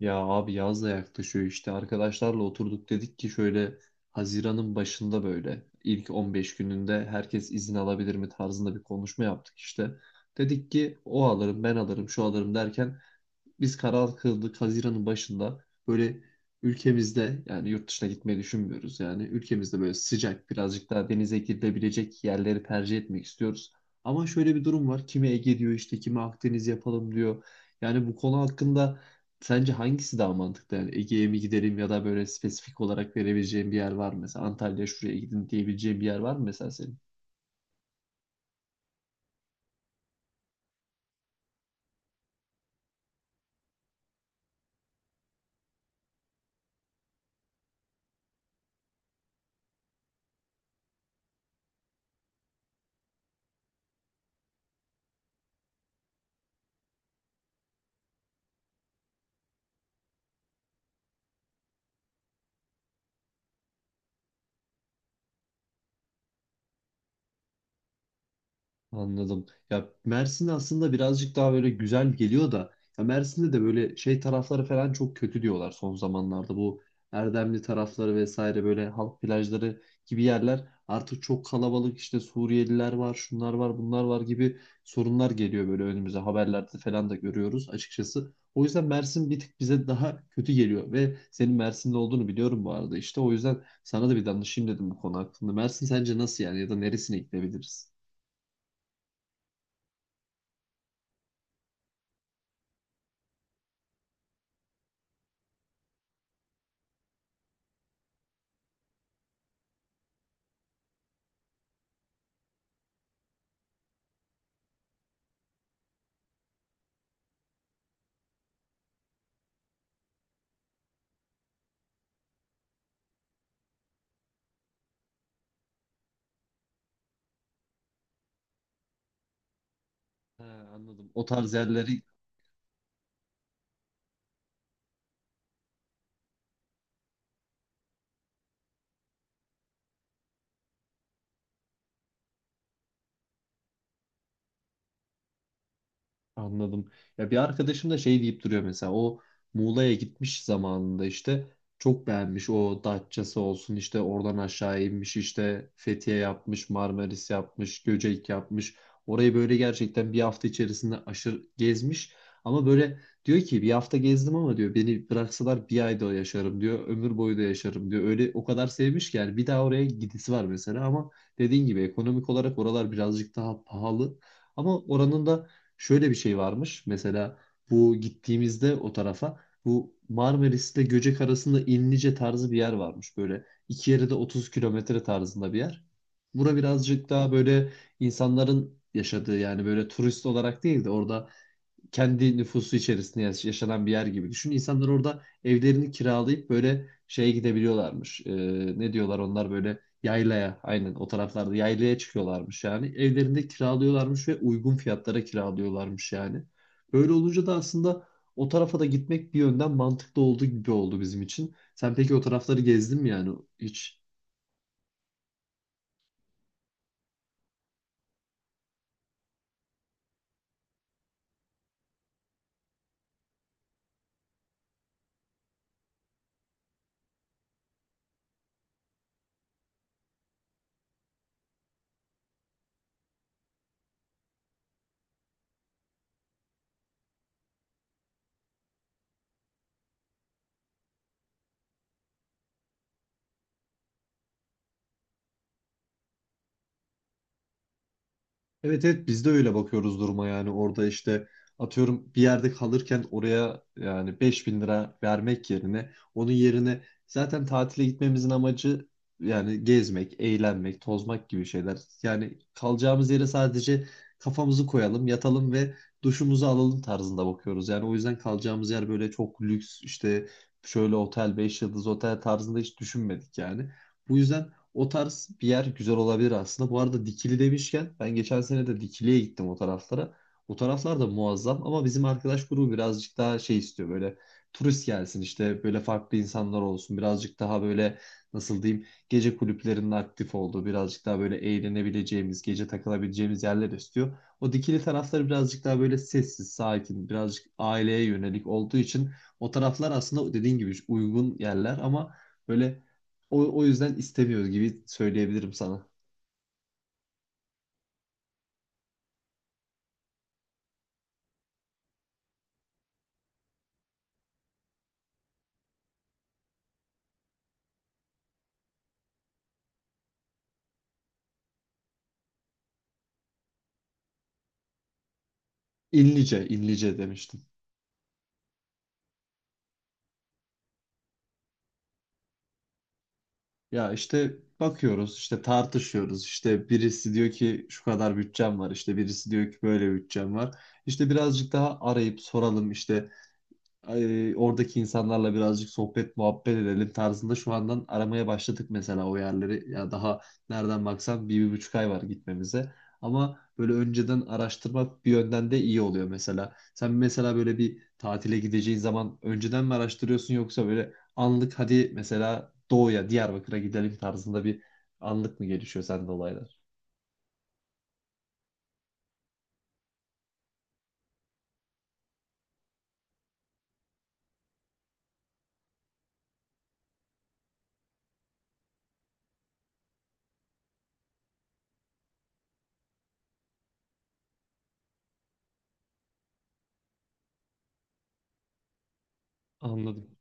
Ya abi yaz da yaklaşıyor işte arkadaşlarla oturduk dedik ki şöyle Haziran'ın başında böyle ilk 15 gününde herkes izin alabilir mi tarzında bir konuşma yaptık işte. Dedik ki o alırım ben alırım şu alırım derken biz karar kıldık Haziran'ın başında böyle ülkemizde, yani yurt dışına gitmeyi düşünmüyoruz, yani ülkemizde böyle sıcak birazcık daha denize girilebilecek yerleri tercih etmek istiyoruz. Ama şöyle bir durum var. Kimi Ege diyor işte, kimi Akdeniz yapalım diyor. Yani bu konu hakkında sence hangisi daha mantıklı? Yani Ege'ye mi gidelim ya da böyle spesifik olarak verebileceğim bir yer var mı? Mesela Antalya, şuraya gidin diyebileceğim bir yer var mı mesela senin? Anladım. Ya Mersin aslında birazcık daha böyle güzel geliyor da ya Mersin'de de böyle şey tarafları falan çok kötü diyorlar son zamanlarda. Bu Erdemli tarafları vesaire böyle halk plajları gibi yerler artık çok kalabalık, işte Suriyeliler var, şunlar var, bunlar var gibi sorunlar geliyor böyle önümüze, haberlerde falan da görüyoruz açıkçası. O yüzden Mersin bir tık bize daha kötü geliyor ve senin Mersin'de olduğunu biliyorum bu arada işte. O yüzden sana da bir danışayım dedim bu konu hakkında. Mersin sence nasıl yani, ya da neresine gidebiliriz? Ha, anladım. O tarz yerleri. Anladım. Ya bir arkadaşım da şey deyip duruyor, mesela o Muğla'ya gitmiş zamanında işte, çok beğenmiş, o Datça'sı olsun, işte oradan aşağı inmiş, işte Fethiye yapmış, Marmaris yapmış, Göcek yapmış, orayı böyle gerçekten bir hafta içerisinde aşırı gezmiş ama böyle diyor ki bir hafta gezdim ama, diyor, beni bıraksalar bir ayda yaşarım diyor, ömür boyu da yaşarım diyor, öyle o kadar sevmiş ki yani bir daha oraya gidisi var mesela. Ama dediğin gibi ekonomik olarak oralar birazcık daha pahalı, ama oranın da şöyle bir şey varmış. Mesela bu gittiğimizde o tarafa, bu Marmaris'le Göcek arasında İnlice tarzı bir yer varmış. Böyle iki yere de 30 kilometre tarzında bir yer. Bura birazcık daha böyle insanların yaşadığı, yani böyle turist olarak değil de orada kendi nüfusu içerisinde yaşanan bir yer gibi düşün. İnsanlar orada evlerini kiralayıp böyle şeye gidebiliyorlarmış. Ne diyorlar onlar, böyle yaylaya, aynen, o taraflarda yaylaya çıkıyorlarmış yani. Evlerinde kiralıyorlarmış ve uygun fiyatlara kiralıyorlarmış yani. Böyle olunca da aslında o tarafa da gitmek bir yönden mantıklı olduğu gibi oldu bizim için. Sen peki o tarafları gezdin mi yani, hiç? Evet, evet, biz de öyle bakıyoruz duruma, yani orada işte atıyorum bir yerde kalırken oraya yani 5.000 lira vermek yerine, onun yerine zaten tatile gitmemizin amacı yani gezmek, eğlenmek, tozmak gibi şeyler. Yani kalacağımız yere sadece kafamızı koyalım, yatalım ve duşumuzu alalım tarzında bakıyoruz. Yani o yüzden kalacağımız yer böyle çok lüks, işte şöyle otel, 5 yıldız otel tarzında hiç düşünmedik yani. Bu yüzden o tarz bir yer güzel olabilir aslında. Bu arada Dikili demişken, ben geçen sene de Dikili'ye gittim, o taraflara. O taraflar da muazzam ama bizim arkadaş grubu birazcık daha şey istiyor, böyle turist gelsin, işte böyle farklı insanlar olsun, birazcık daha böyle nasıl diyeyim, gece kulüplerinin aktif olduğu, birazcık daha böyle eğlenebileceğimiz, gece takılabileceğimiz yerler istiyor. O Dikili tarafları birazcık daha böyle sessiz sakin, birazcık aileye yönelik olduğu için o taraflar aslında dediğin gibi uygun yerler ama böyle, o yüzden istemiyoruz gibi söyleyebilirim sana. İnlice, inlice demiştim. Ya işte bakıyoruz, işte tartışıyoruz. İşte birisi diyor ki şu kadar bütçem var, işte birisi diyor ki böyle bütçem var. İşte birazcık daha arayıp soralım, işte oradaki insanlarla birazcık sohbet muhabbet edelim tarzında şu andan aramaya başladık mesela o yerleri. Ya daha nereden baksan bir buçuk ay var gitmemize. Ama böyle önceden araştırmak bir yönden de iyi oluyor mesela. Sen mesela böyle bir tatile gideceğin zaman önceden mi araştırıyorsun, yoksa böyle anlık, hadi mesela Doğu'ya, Diyarbakır'a gidelim tarzında bir anlık mı gelişiyor sende olaylar? Anladım.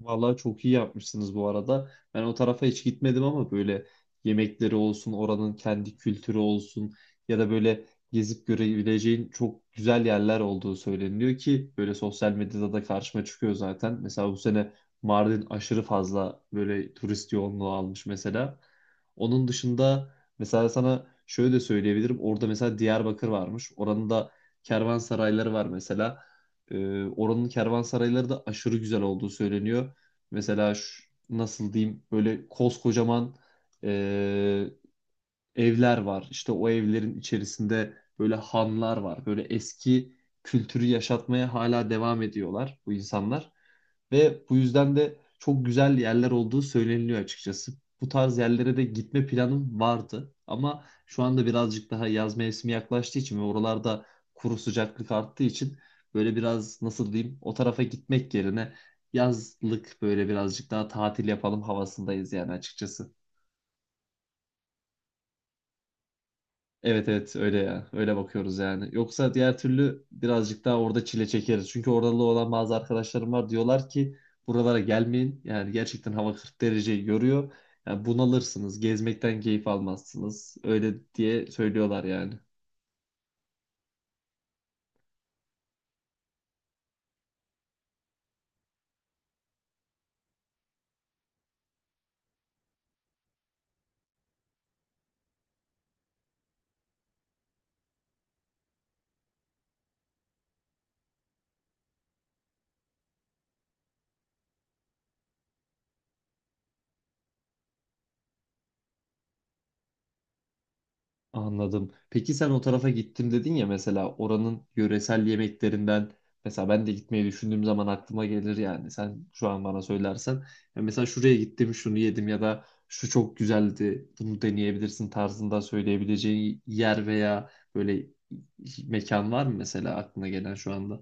Vallahi çok iyi yapmışsınız bu arada. Ben o tarafa hiç gitmedim ama böyle yemekleri olsun, oranın kendi kültürü olsun, ya da böyle gezip görebileceğin çok güzel yerler olduğu söyleniyor ki böyle sosyal medyada da karşıma çıkıyor zaten. Mesela bu sene Mardin aşırı fazla böyle turist yoğunluğu almış mesela. Onun dışında mesela sana şöyle de söyleyebilirim. Orada mesela Diyarbakır varmış. Oranın da kervansarayları var mesela. Oranın kervansarayları da aşırı güzel olduğu söyleniyor. Mesela nasıl diyeyim, böyle koskocaman e, evler var. İşte o evlerin içerisinde böyle hanlar var. Böyle eski kültürü yaşatmaya hala devam ediyorlar bu insanlar. Ve bu yüzden de çok güzel yerler olduğu söyleniliyor açıkçası. Bu tarz yerlere de gitme planım vardı. Ama şu anda birazcık daha yaz mevsimi yaklaştığı için ve oralarda kuru sıcaklık arttığı için böyle biraz nasıl diyeyim, o tarafa gitmek yerine yazlık böyle birazcık daha tatil yapalım havasındayız yani açıkçası. Evet, evet, öyle ya. Öyle bakıyoruz yani. Yoksa diğer türlü birazcık daha orada çile çekeriz. Çünkü oralı olan bazı arkadaşlarım var, diyorlar ki buralara gelmeyin. Yani gerçekten hava 40 dereceyi görüyor. Yani bunalırsınız, gezmekten keyif almazsınız. Öyle diye söylüyorlar yani. Anladım. Peki sen o tarafa gittim dedin ya, mesela oranın yöresel yemeklerinden, mesela ben de gitmeyi düşündüğüm zaman aklıma gelir yani, sen şu an bana söylersen ya mesela şuraya gittim şunu yedim, ya da şu çok güzeldi bunu deneyebilirsin tarzında söyleyebileceğin yer veya böyle mekan var mı mesela, aklına gelen şu anda?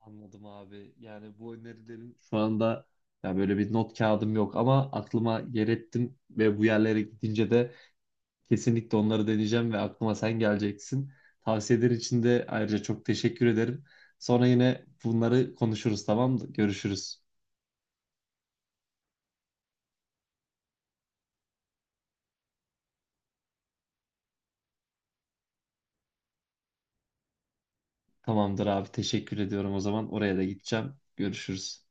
Anladım abi. Yani bu önerilerin şu anda, ya böyle bir not kağıdım yok ama aklıma yer ettim ve bu yerlere gidince de kesinlikle onları deneyeceğim ve aklıma sen geleceksin. Tavsiyeler için de ayrıca çok teşekkür ederim. Sonra yine bunları konuşuruz, tamam mı? Görüşürüz. Tamamdır abi, teşekkür ediyorum o zaman. Oraya da gideceğim. Görüşürüz.